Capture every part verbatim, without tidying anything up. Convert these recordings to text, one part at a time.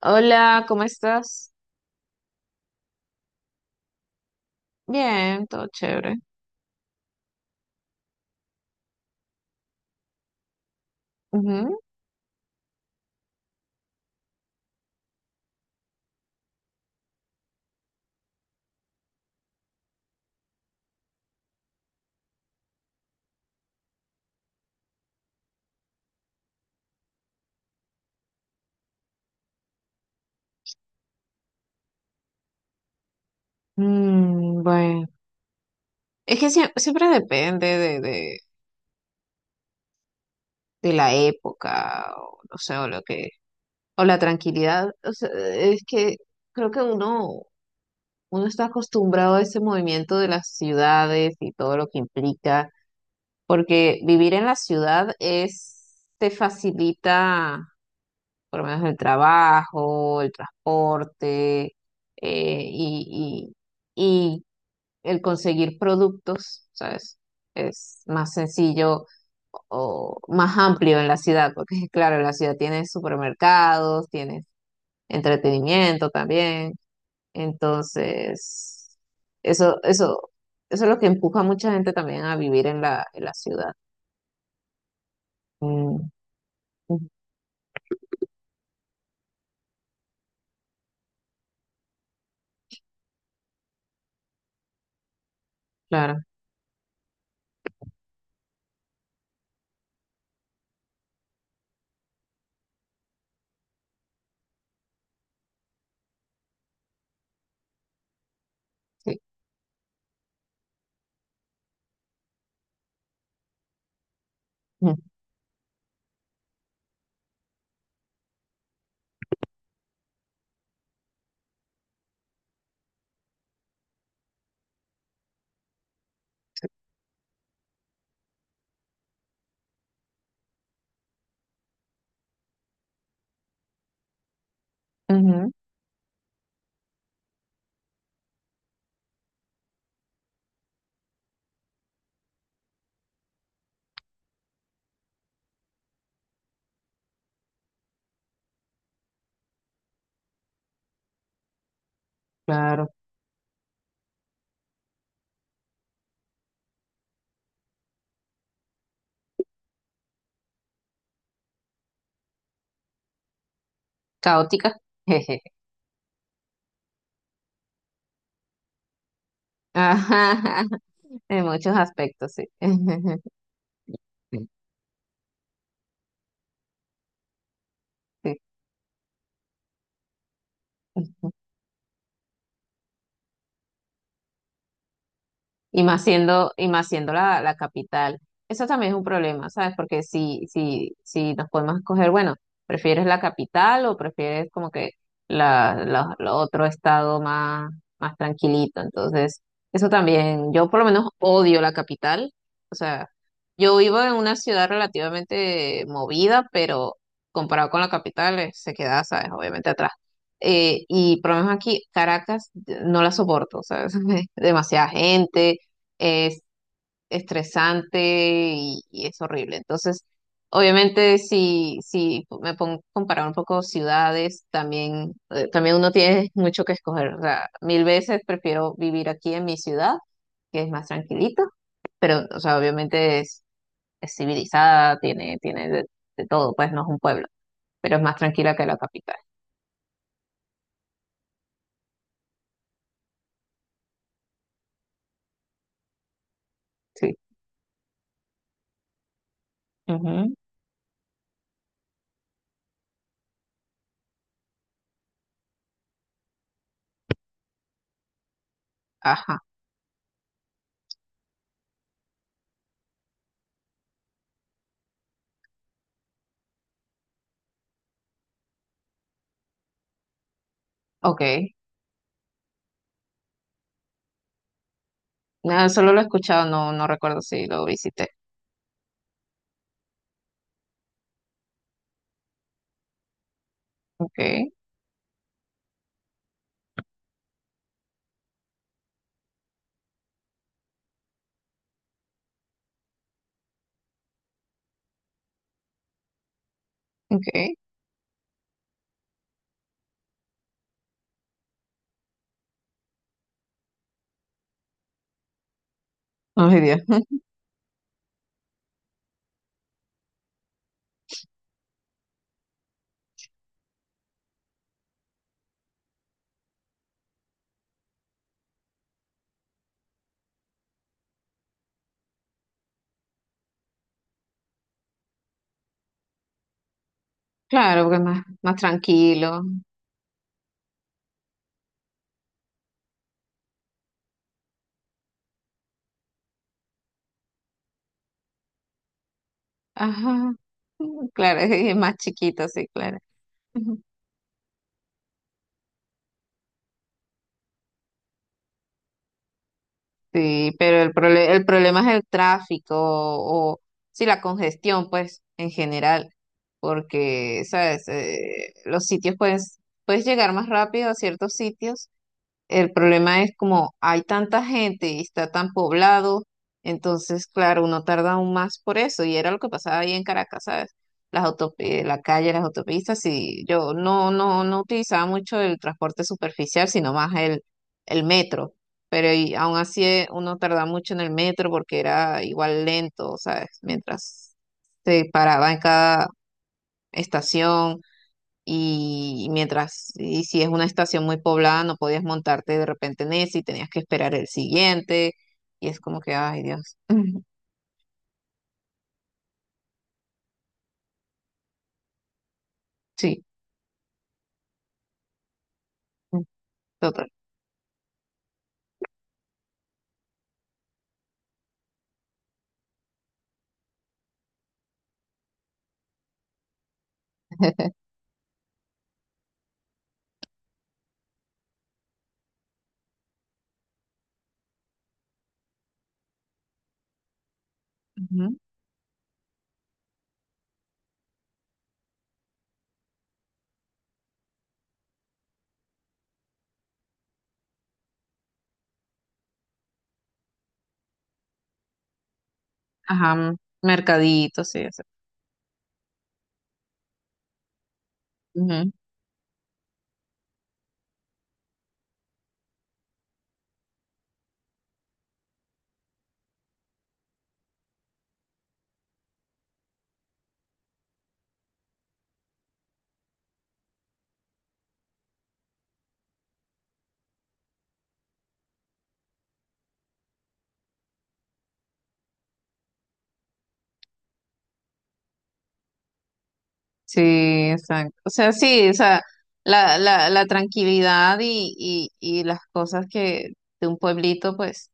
Hola, ¿cómo estás? Bien, todo chévere. Ujú. Mm, bueno, es que sie- siempre depende de, de- de la época, o no sé, o lo que, o la tranquilidad. O sea, es que creo que uno, uno está acostumbrado a ese movimiento de las ciudades y todo lo que implica, porque vivir en la ciudad es, te facilita por lo menos el trabajo, el transporte, eh, y y- y el conseguir productos, ¿sabes? Es más sencillo o más amplio en la ciudad, porque claro, en la ciudad tienes supermercados, tienes entretenimiento también. Entonces, eso, eso, eso es lo que empuja a mucha gente también a vivir en la, en la ciudad. Mm, ujú, claro, sí. Mm, ujú, claro. Caótica. Jeje. Ajá, en muchos aspectos, sí. Sí. Y más siendo, y más siendo la, la capital. Eso también es un problema, ¿sabes? Porque si, si, si nos podemos escoger, bueno, ¿prefieres la capital o prefieres como que la, la- la otro estado más, más tranquilito? Entonces, eso también, yo por lo menos odio la capital. O sea, yo vivo en una ciudad relativamente movida, pero comparado con la capital, eh, se queda, ¿sabes? Obviamente atrás. Eh, y por lo menos aquí, Caracas, no la soporto, ¿sabes? Demasiada gente es estresante y, y es horrible. Entonces, obviamente, si, si me pongo a comparar un poco ciudades, también, eh, también uno tiene mucho que escoger. O sea, mil veces prefiero vivir aquí en mi ciudad, que es más tranquilito, pero, o sea, obviamente es, es civilizada, tiene, tiene de, de todo, pues no es un pueblo, pero es más tranquila que la capital. Sí. Ujú. Ajá, ok. Nada, solo lo he escuchado, no, no recuerdo si lo visité. Ok, ok. Ay, Dios. Claro, porque es más, más tranquilo. Ajá. Claro, es más chiquito, sí, claro. Ujú. Sí, pero el prole- el problema es el tráfico o, o, sí, la congestión, pues, en general, porque, ¿sabes? Eh, los sitios, pues, puedes llegar más rápido a ciertos sitios. El problema es como hay tanta gente y está tan poblado, entonces, claro, uno tarda aún más por eso. Y era lo que pasaba ahí en Caracas, ¿sabes? Las autopi- la calle, las autopistas, y yo no, no, no utilizaba mucho el transporte superficial, sino más el, el metro. Pero y aún así eh, uno tardaba mucho en el metro porque era igual lento, ¿sabes? Mientras se paraba en cada estación y mientras, y si es una estación muy poblada, no podías montarte de repente en ese y tenías que esperar el siguiente. Y es como que, ay Dios. Sí, mm, total. Ujú. Ajá, mercadito, sí, o sea, ujú. Sí, exacto. O sea, sí, o sea, la, la, la tranquilidad y, y, y las cosas que de un pueblito, pues,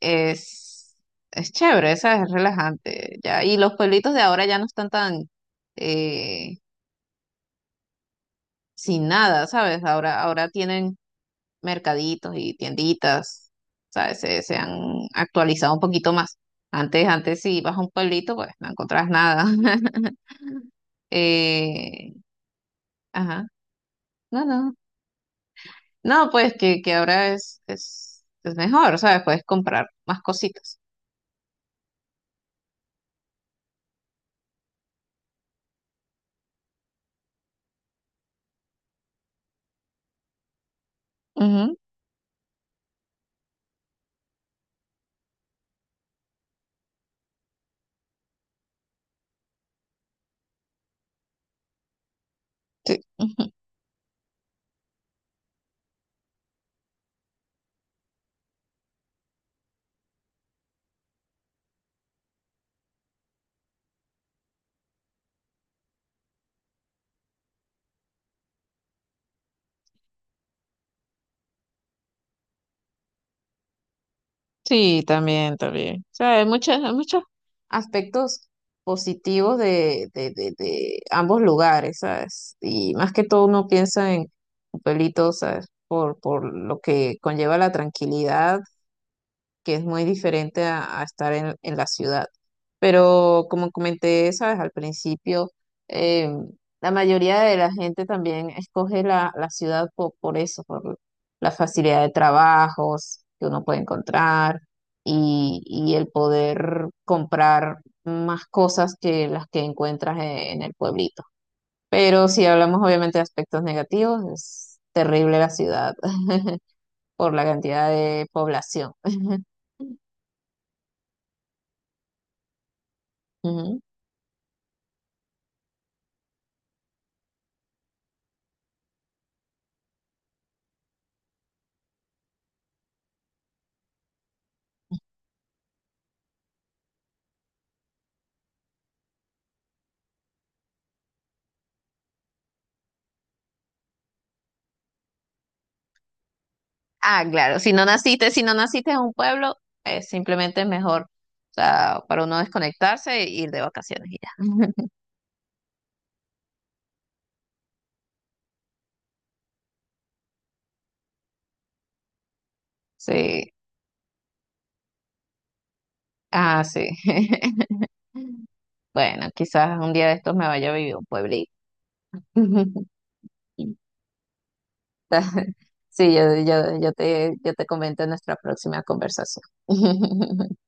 es, es chévere, ¿sabes? Es relajante, ya. Y los pueblitos de ahora ya no están tan, eh, sin nada, ¿sabes? Ahora, ahora tienen mercaditos y tienditas, ¿sabes? Se, se han actualizado un poquito más. Antes, antes si ibas a un pueblito, pues no encontrabas nada. Eh, ajá, no, no. No, pues que, que ahora es, es, es mejor, ¿sabes? Puedes comprar más cositas. Ujú, sí. Sí, también, también. O sea, hay muchas, hay muchos aspectos positivos de, de, de, de ambos lugares, ¿sabes? Y más que todo uno piensa en Copelito, ¿sabes? Por, por lo que conlleva la tranquilidad que es muy diferente a, a estar en, en la ciudad. Pero como comenté, sabes, al principio, eh, la mayoría de la gente también escoge la, la ciudad po- por, eso, por la facilidad de trabajos que uno puede encontrar y, y el poder comprar más cosas que las que encuentras e- en el pueblito. Pero si hablamos obviamente de aspectos negativos, es terrible la ciudad por la cantidad de población. Ujú. Ah, claro, si no naciste, si no naciste en un pueblo, eh, simplemente es mejor, o sea, para uno desconectarse e ir de vacaciones y ya. Sí, ah, sí. Bueno, quizás un día de estos me vaya a vivir a un pueblito. Sí, yo, yo, yo te, yo te comento en nuestra próxima conversación.